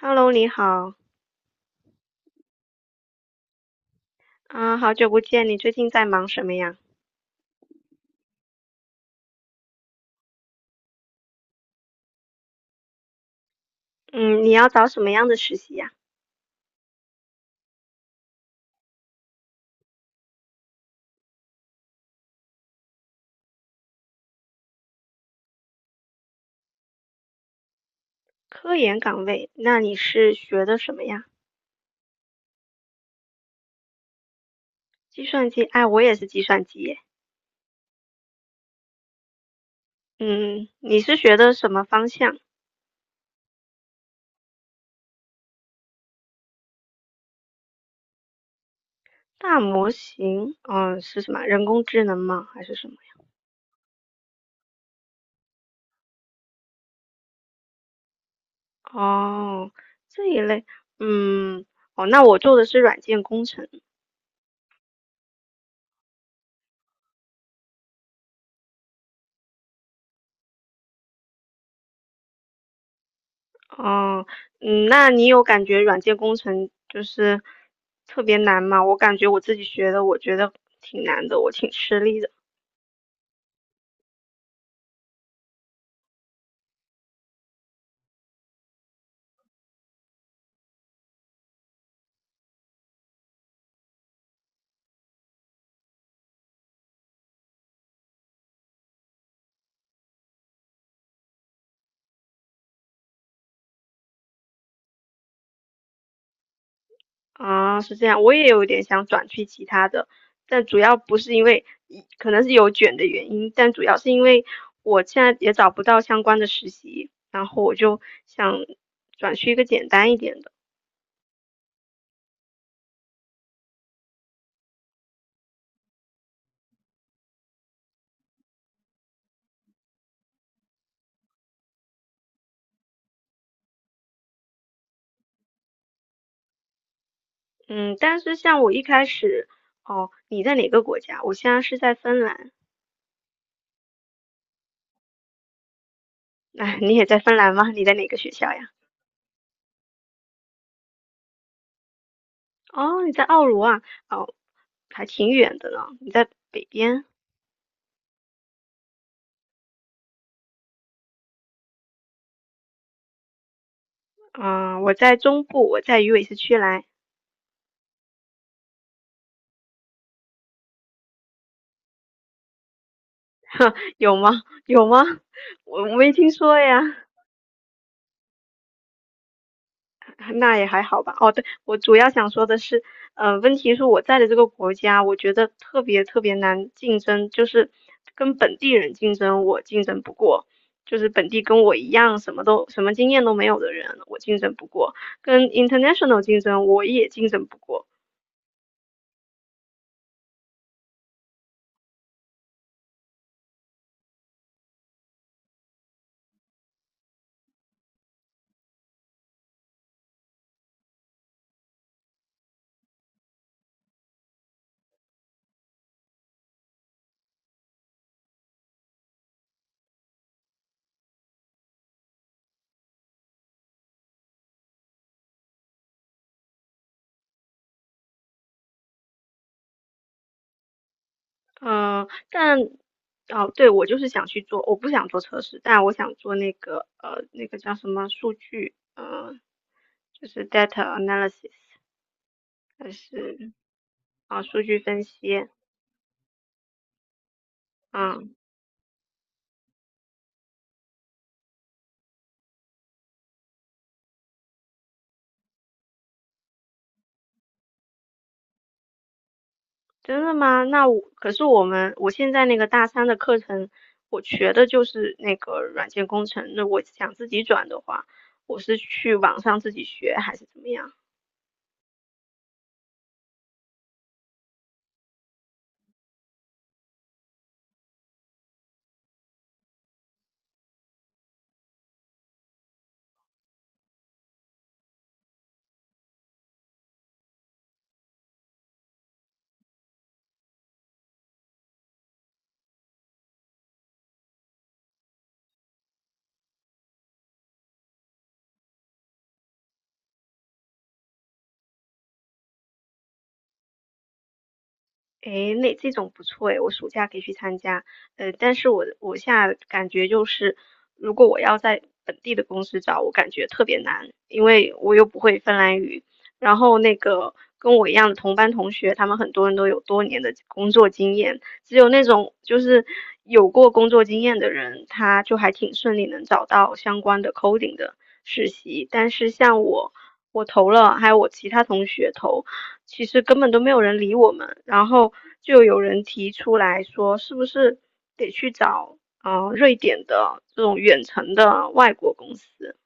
Hello，你好。啊，好久不见，你最近在忙什么呀？嗯，你要找什么样的实习呀？科研岗位，那你是学的什么呀？计算机，哎，我也是计算机耶。嗯，你是学的什么方向？大模型，嗯，是什么？人工智能吗？还是什么呀？哦，这一类，嗯，哦，那我做的是软件工程。哦，嗯，那你有感觉软件工程就是特别难吗？我感觉我自己学的，我觉得挺难的，我挺吃力的。啊，是这样，我也有点想转去其他的，但主要不是因为，一可能是有卷的原因，但主要是因为我现在也找不到相关的实习，然后我就想转去一个简单一点的。嗯，但是像我一开始，哦，你在哪个国家？我现在是在芬兰。哎，你也在芬兰吗？你在哪个学校呀？哦，你在奥卢啊？哦，还挺远的呢。你在北边？嗯，我在中部，我在鱼尾市区来。呵有吗？有吗？我没听说呀。那也还好吧。哦，对，我主要想说的是，问题是我在的这个国家，我觉得特别特别难竞争，就是跟本地人竞争，我竞争不过。就是本地跟我一样什么都什么经验都没有的人，我竞争不过；跟 international 竞争，我也竞争不过。嗯，但哦，对，我就是想去做，我不想做测试，但我想做那个那个叫什么数据，就是 data analysis,还是啊、数据分析。嗯，真的吗？那我可是我们我现在那个大三的课程，我学的就是那个软件工程。那我想自己转的话，我是去网上自己学还是怎么样？诶，那这种不错诶，我暑假可以去参加。但是我现在感觉就是，如果我要在本地的公司找，我感觉特别难，因为我又不会芬兰语。然后那个跟我一样的同班同学，他们很多人都有多年的工作经验，只有那种就是有过工作经验的人，他就还挺顺利能找到相关的 coding 的实习。但是像我，我投了，还有我其他同学投。其实根本都没有人理我们，然后就有人提出来说，是不是得去找瑞典的这种远程的外国公司？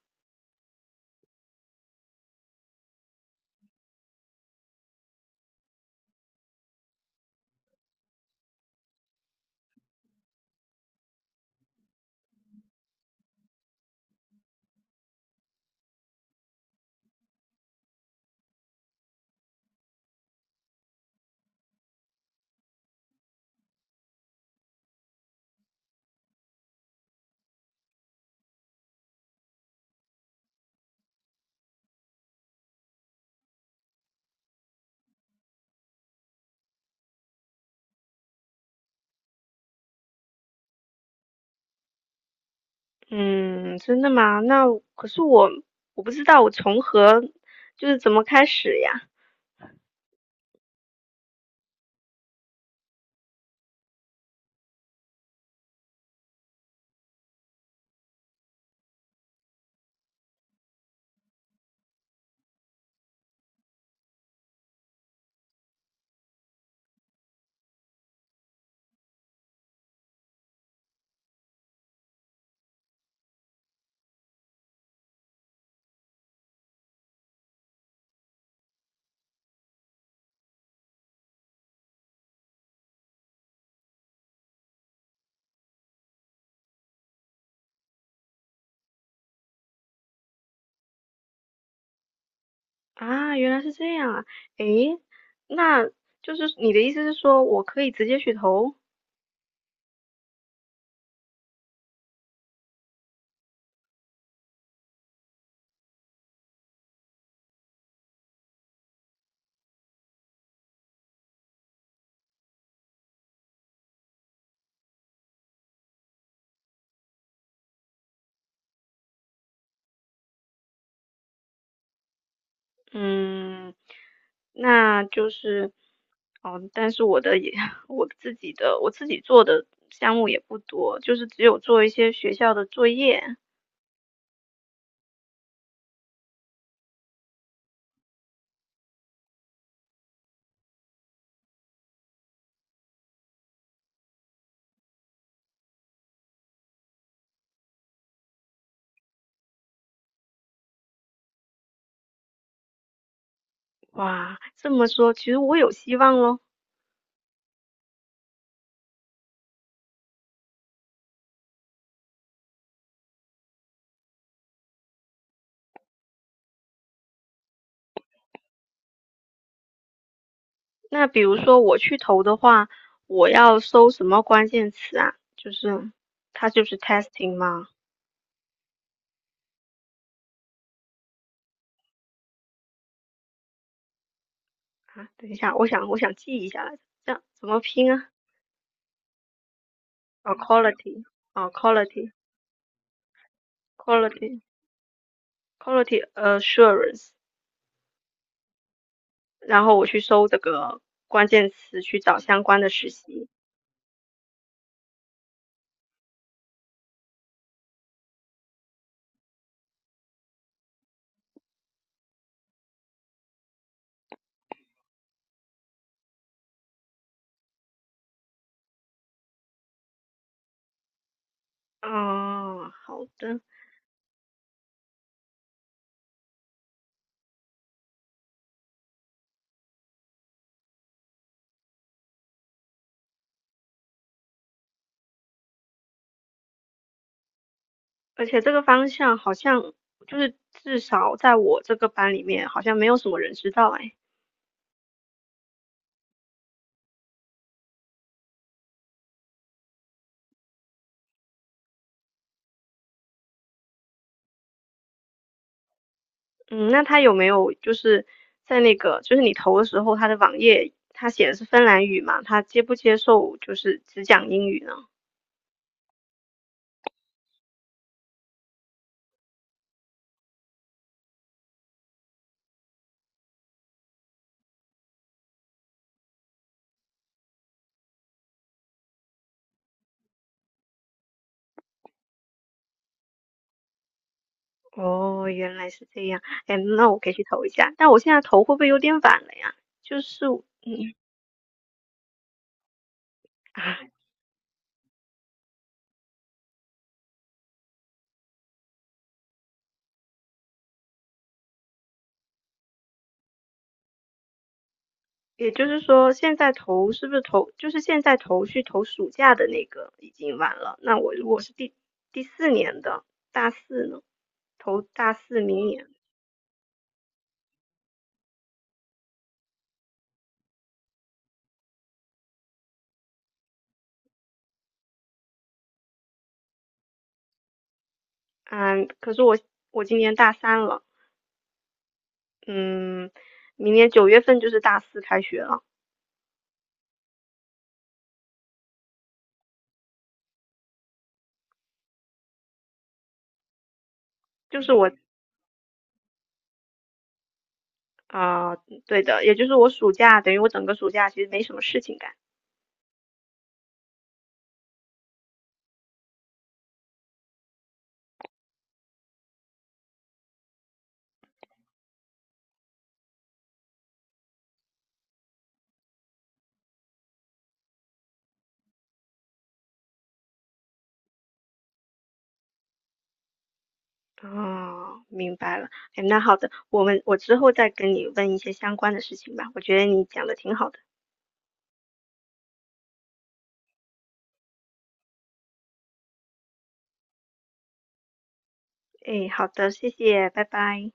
嗯，真的吗？那可是我我不知道我从何就是怎么开始呀？啊，原来是这样啊。诶，那就是你的意思是说我可以直接去投？嗯，那就是，哦，但是我的也，我自己的，我自己做的项目也不多，就是只有做一些学校的作业。哇，这么说，其实我有希望咯。那比如说我去投的话，我要搜什么关键词啊？就是它就是 testing 吗？啊，等一下，我想记一下来着，这样怎么拼啊？哦，quality,哦quality，quality，quality assurance。然后我去搜这个关键词，去找相关的实习。哦，好的。而且这个方向好像就是至少在我这个班里面，好像没有什么人知道哎。嗯，那他有没有就是在那个就是你投的时候，他的网页他写的是芬兰语嘛？他接不接受就是只讲英语呢？哦，原来是这样。哎，那我可以去投一下。但我现在投会不会有点晚了呀？就是，嗯，啊。也就是说，现在投是不是投，就是现在投去投暑假的那个已经晚了。那我如果是第四年的大四呢，投大四明年，嗯，可是我今年大三了，嗯，明年9月份就是大四开学了，就是我啊、呃对的，也就是我暑假等于我整个暑假其实没什么事情干。哦，明白了。哎，那好的，我之后再跟你问一些相关的事情吧。我觉得你讲的挺好的。诶，好的，谢谢，拜拜。